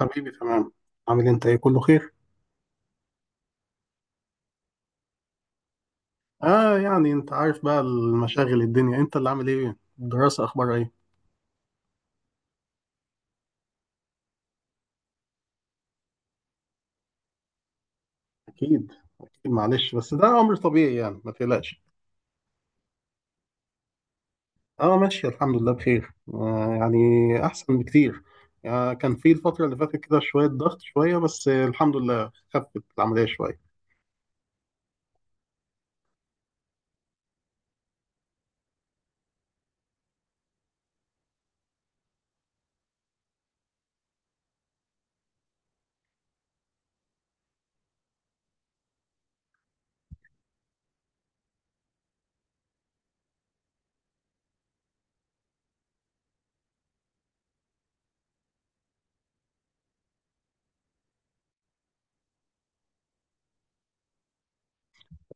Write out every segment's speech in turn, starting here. حبيبي تمام. عامل إيه؟ انت ايه، كله خير. اه انت عارف بقى المشاغل الدنيا. انت اللي عامل ايه، الدراسة اخبارها ايه؟ اكيد، اكيد، معلش، بس ده امر طبيعي، ما تقلقش. اه ماشي، الحمد لله بخير، احسن بكتير. آه، كان في الفترة اللي فاتت كده شوية ضغط، شوية بس، آه الحمد لله خفت العملية شوية.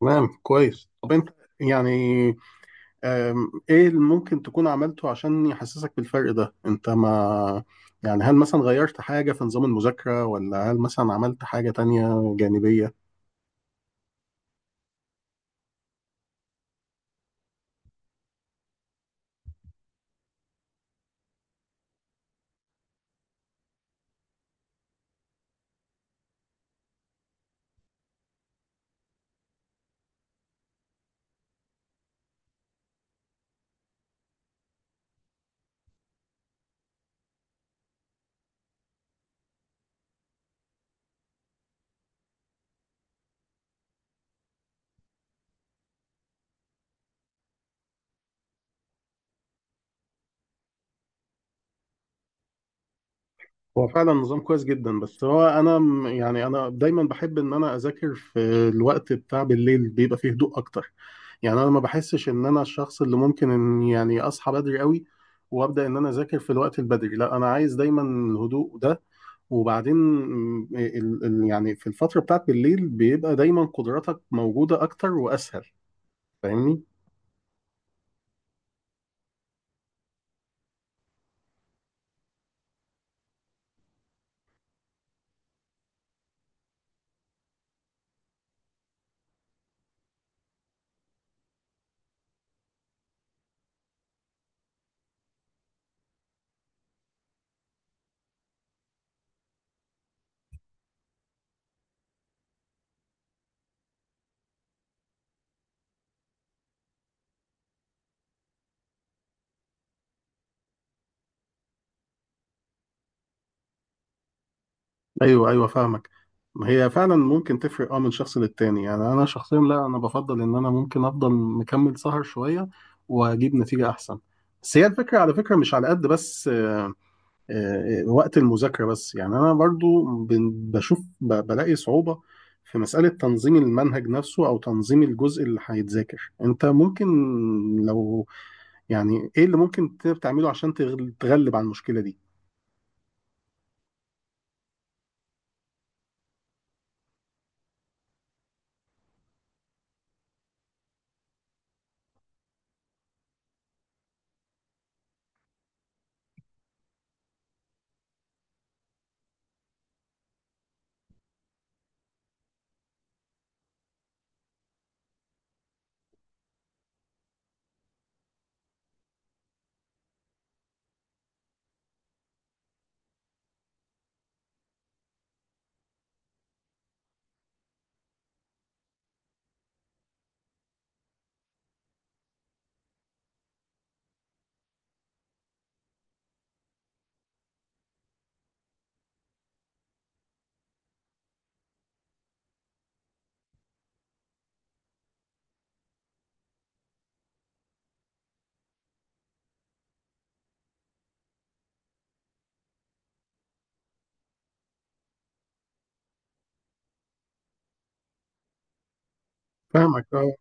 تمام، كويس. طب انت يعني ايه اللي ممكن تكون عملته عشان يحسسك بالفرق ده؟ انت ما هل مثلا غيرت حاجة في نظام المذاكرة، ولا هل مثلا عملت حاجة تانية جانبية؟ هو فعلا نظام كويس جدا، بس هو انا انا دايما بحب ان انا اذاكر في الوقت بتاع بالليل، بيبقى فيه هدوء اكتر. يعني انا ما بحسش ان انا الشخص اللي ممكن ان اصحى بدري قوي وابدا ان انا اذاكر في الوقت البدري. لا، انا عايز دايما الهدوء ده. وبعدين م، ال- ال- يعني في الفترة بتاعت بالليل بيبقى دايما قدراتك موجودة اكتر واسهل، فاهمني؟ ايوه ايوه، فاهمك. ما هي فعلا ممكن تفرق، اه، من شخص للتاني. يعني انا شخصيا لا، انا بفضل ان انا ممكن افضل مكمل سهر شويه واجيب نتيجه احسن. بس هي الفكره، على فكره، مش على قد بس آه، وقت المذاكره بس. يعني انا برضو بلاقي صعوبه في مساله تنظيم المنهج نفسه، او تنظيم الجزء اللي هيتذاكر. انت ممكن، لو ايه اللي ممكن تعمله عشان تغلب على المشكله دي؟ فاهمك، اه.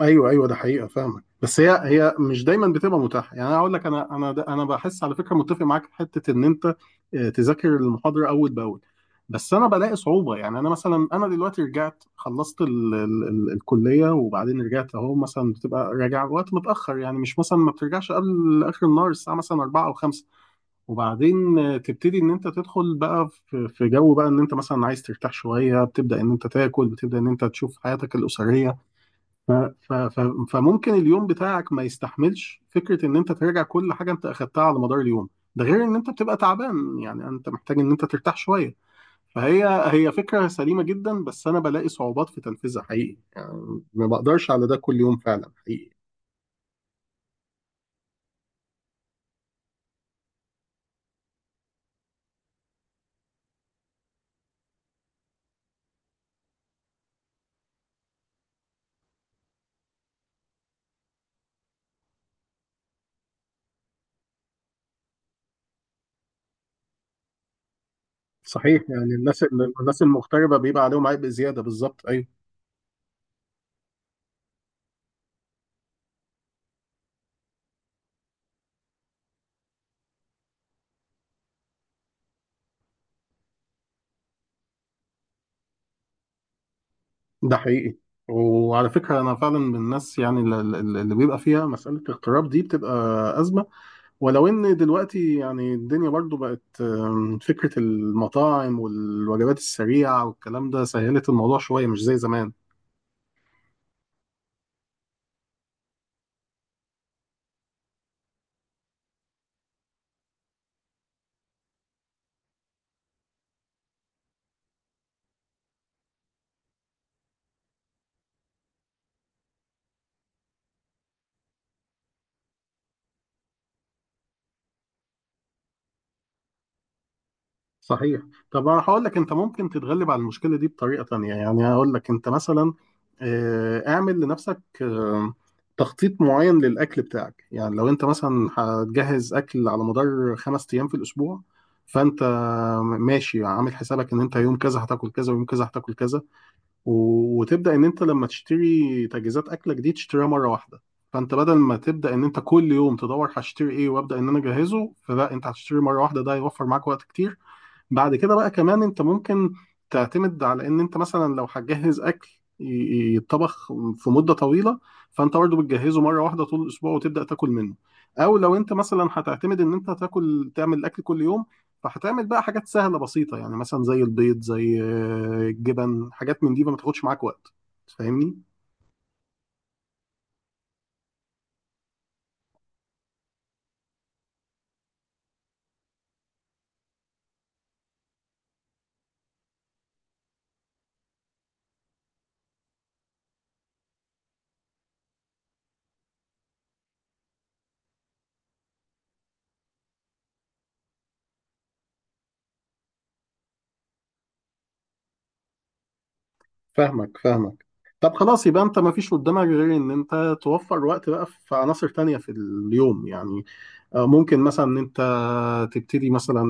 ايوه ايوه، ده حقيقه فاهمك، بس هي هي مش دايما بتبقى متاحه. يعني انا اقول لك، انا بحس على فكره متفق معاك في حته ان انت تذاكر المحاضره اول باول. بس انا بلاقي صعوبه. يعني انا مثلا، انا دلوقتي رجعت، خلصت ال الكليه وبعدين رجعت، اهو مثلا بتبقى راجع وقت متاخر يعني. مش مثلا ما بترجعش قبل اخر النهار، الساعه مثلا 4 او 5. وبعدين تبتدي ان انت تدخل بقى في جو بقى ان انت مثلا عايز ترتاح شويه، بتبدا ان انت تاكل، بتبدا ان انت تشوف حياتك الاسريه. ف- ف- فممكن اليوم بتاعك ما يستحملش فكرة ان انت تراجع كل حاجة انت اخدتها على مدار اليوم. ده غير ان انت بتبقى تعبان، يعني انت محتاج ان انت ترتاح شوية. فهي هي فكرة سليمة جدا، بس انا بلاقي صعوبات في تنفيذها حقيقي، يعني ما بقدرش على ده كل يوم، فعلا حقيقي. صحيح، يعني الناس، المغتربة بيبقى عليهم عبء زيادة، بالظبط ايوه. ده حقيقي. وعلى فكرة انا فعلا من الناس يعني اللي بيبقى فيها مسألة اغتراب دي بتبقى أزمة. ولو ان دلوقتي يعني الدنيا برضو بقت فكرة المطاعم والوجبات السريعة والكلام ده سهلت الموضوع شوية، مش زي زمان. صحيح. طب انا هقول لك، انت ممكن تتغلب على المشكلة دي بطريقة تانية. يعني هقول لك، انت مثلا اعمل لنفسك تخطيط معين للاكل بتاعك. يعني لو انت مثلا هتجهز اكل على مدار خمس ايام في الاسبوع، فانت ماشي عامل حسابك ان انت يوم كذا هتاكل كذا، ويوم كذا هتاكل كذا. و- وتبدا ان انت لما تشتري تجهيزات اكلك دي تشتريها مره واحده. فانت بدل ما تبدا ان انت كل يوم تدور هشتري ايه وابدا ان انا اجهزه، فلا، انت هتشتري مره واحده، ده هيوفر معاك وقت كتير. بعد كده بقى كمان انت ممكن تعتمد على ان انت مثلا لو هتجهز اكل يتطبخ في مدة طويلة، فانت برضه بتجهزه مرة واحدة طول الاسبوع وتبدأ تاكل منه. او لو انت مثلا هتعتمد ان انت تاكل، تعمل الاكل كل يوم، فهتعمل بقى حاجات سهلة بسيطة، يعني مثلا زي البيض، زي الجبن، حاجات من دي ما تاخدش معاك وقت، فاهمني؟ فاهمك، فاهمك. طب خلاص، يبقى انت ما فيش قدامك غير ان انت توفر وقت بقى في عناصر تانية في اليوم. يعني ممكن مثلا ان انت تبتدي مثلا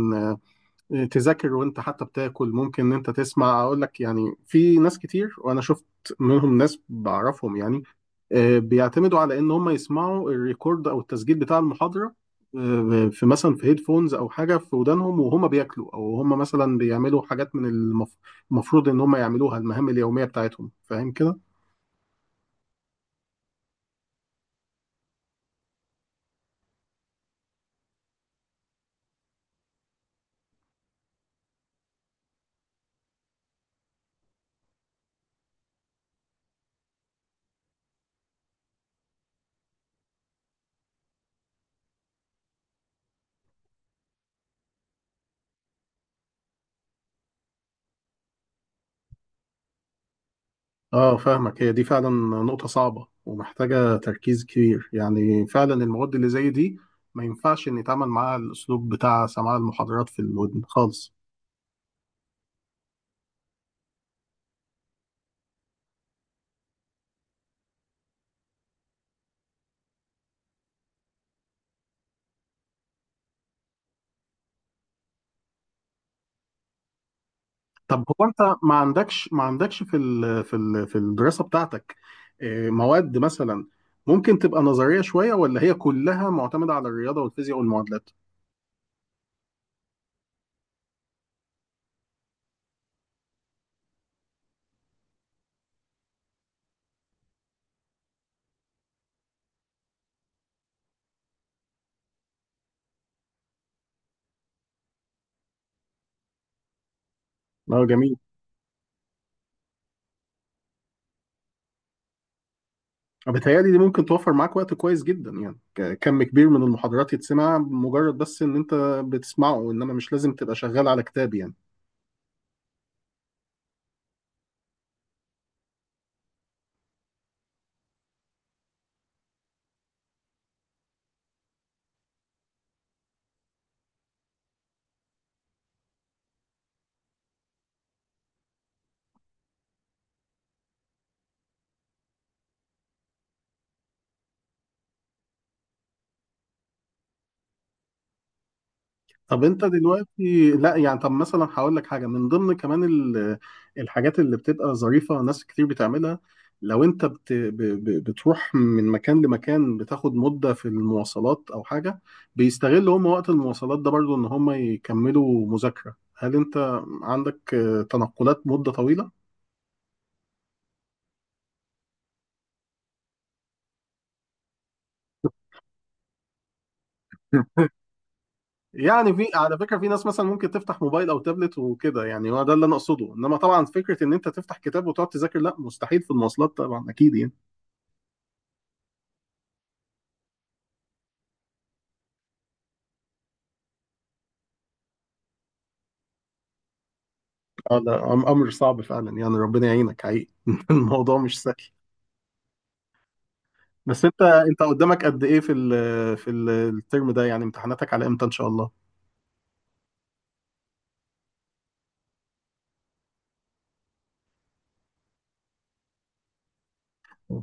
تذاكر وانت حتى بتاكل. ممكن ان انت تسمع، اقول لك، يعني في ناس كتير وانا شفت منهم ناس بعرفهم، يعني بيعتمدوا على ان هم يسمعوا الريكورد او التسجيل بتاع المحاضرة في مثلا في هيدفونز او حاجة في ودانهم، وهم بياكلوا، او هم مثلا بيعملوا حاجات من المفروض ان هم يعملوها، المهام اليومية بتاعتهم، فاهم كده؟ اه فاهمك. هي دي فعلا نقطة صعبة ومحتاجة تركيز كبير، يعني فعلا المواد اللي زي دي ما ينفعش ان يتعامل معاها الاسلوب بتاع سماع المحاضرات في الودن خالص. طب هو انت ما عندكش في الدراسة بتاعتك مواد مثلا ممكن تبقى نظرية شوية، ولا هي كلها معتمدة على الرياضة والفيزياء والمعادلات؟ اه جميل. بتهيألي دي ممكن توفر معاك وقت كويس جدا. يعني كم كبير من المحاضرات يتسمع مجرد بس ان انت بتسمعه، انما مش لازم تبقى شغال على كتاب يعني. طب انت دلوقتي، لا يعني، طب مثلا هقول لك حاجه من ضمن كمان الحاجات اللي بتبقى ظريفه ناس كتير بتعملها. لو انت بتروح من مكان لمكان، بتاخد مده في المواصلات او حاجه، بيستغلوا هم وقت المواصلات ده برضو ان هم يكملوا مذاكره. هل انت عندك تنقلات مده طويله؟ يعني في، على فكرة، في ناس مثلا ممكن تفتح موبايل او تابلت وكده، يعني هو ده اللي انا اقصده. انما طبعا فكرة ان انت تفتح كتاب وتقعد تذاكر، لا مستحيل في المواصلات طبعا، اكيد يعني. اه ده امر صعب فعلا، يعني ربنا يعينك حقيقي. الموضوع مش سهل. بس انت، انت قدامك قد ايه في الترم ده؟ يعني امتحاناتك على امتى ان شاء الله؟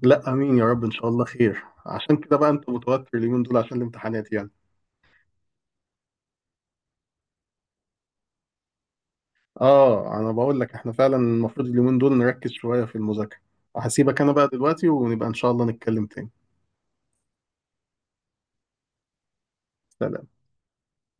لا امين يا رب، ان شاء الله خير. عشان كده بقى انت متوتر اليومين دول عشان الامتحانات يعني. اه انا بقول لك، احنا فعلا المفروض اليومين دول نركز شوية في المذاكرة. هسيبك انا بقى دلوقتي، ونبقى ان شاء الله نتكلم تاني. سلام.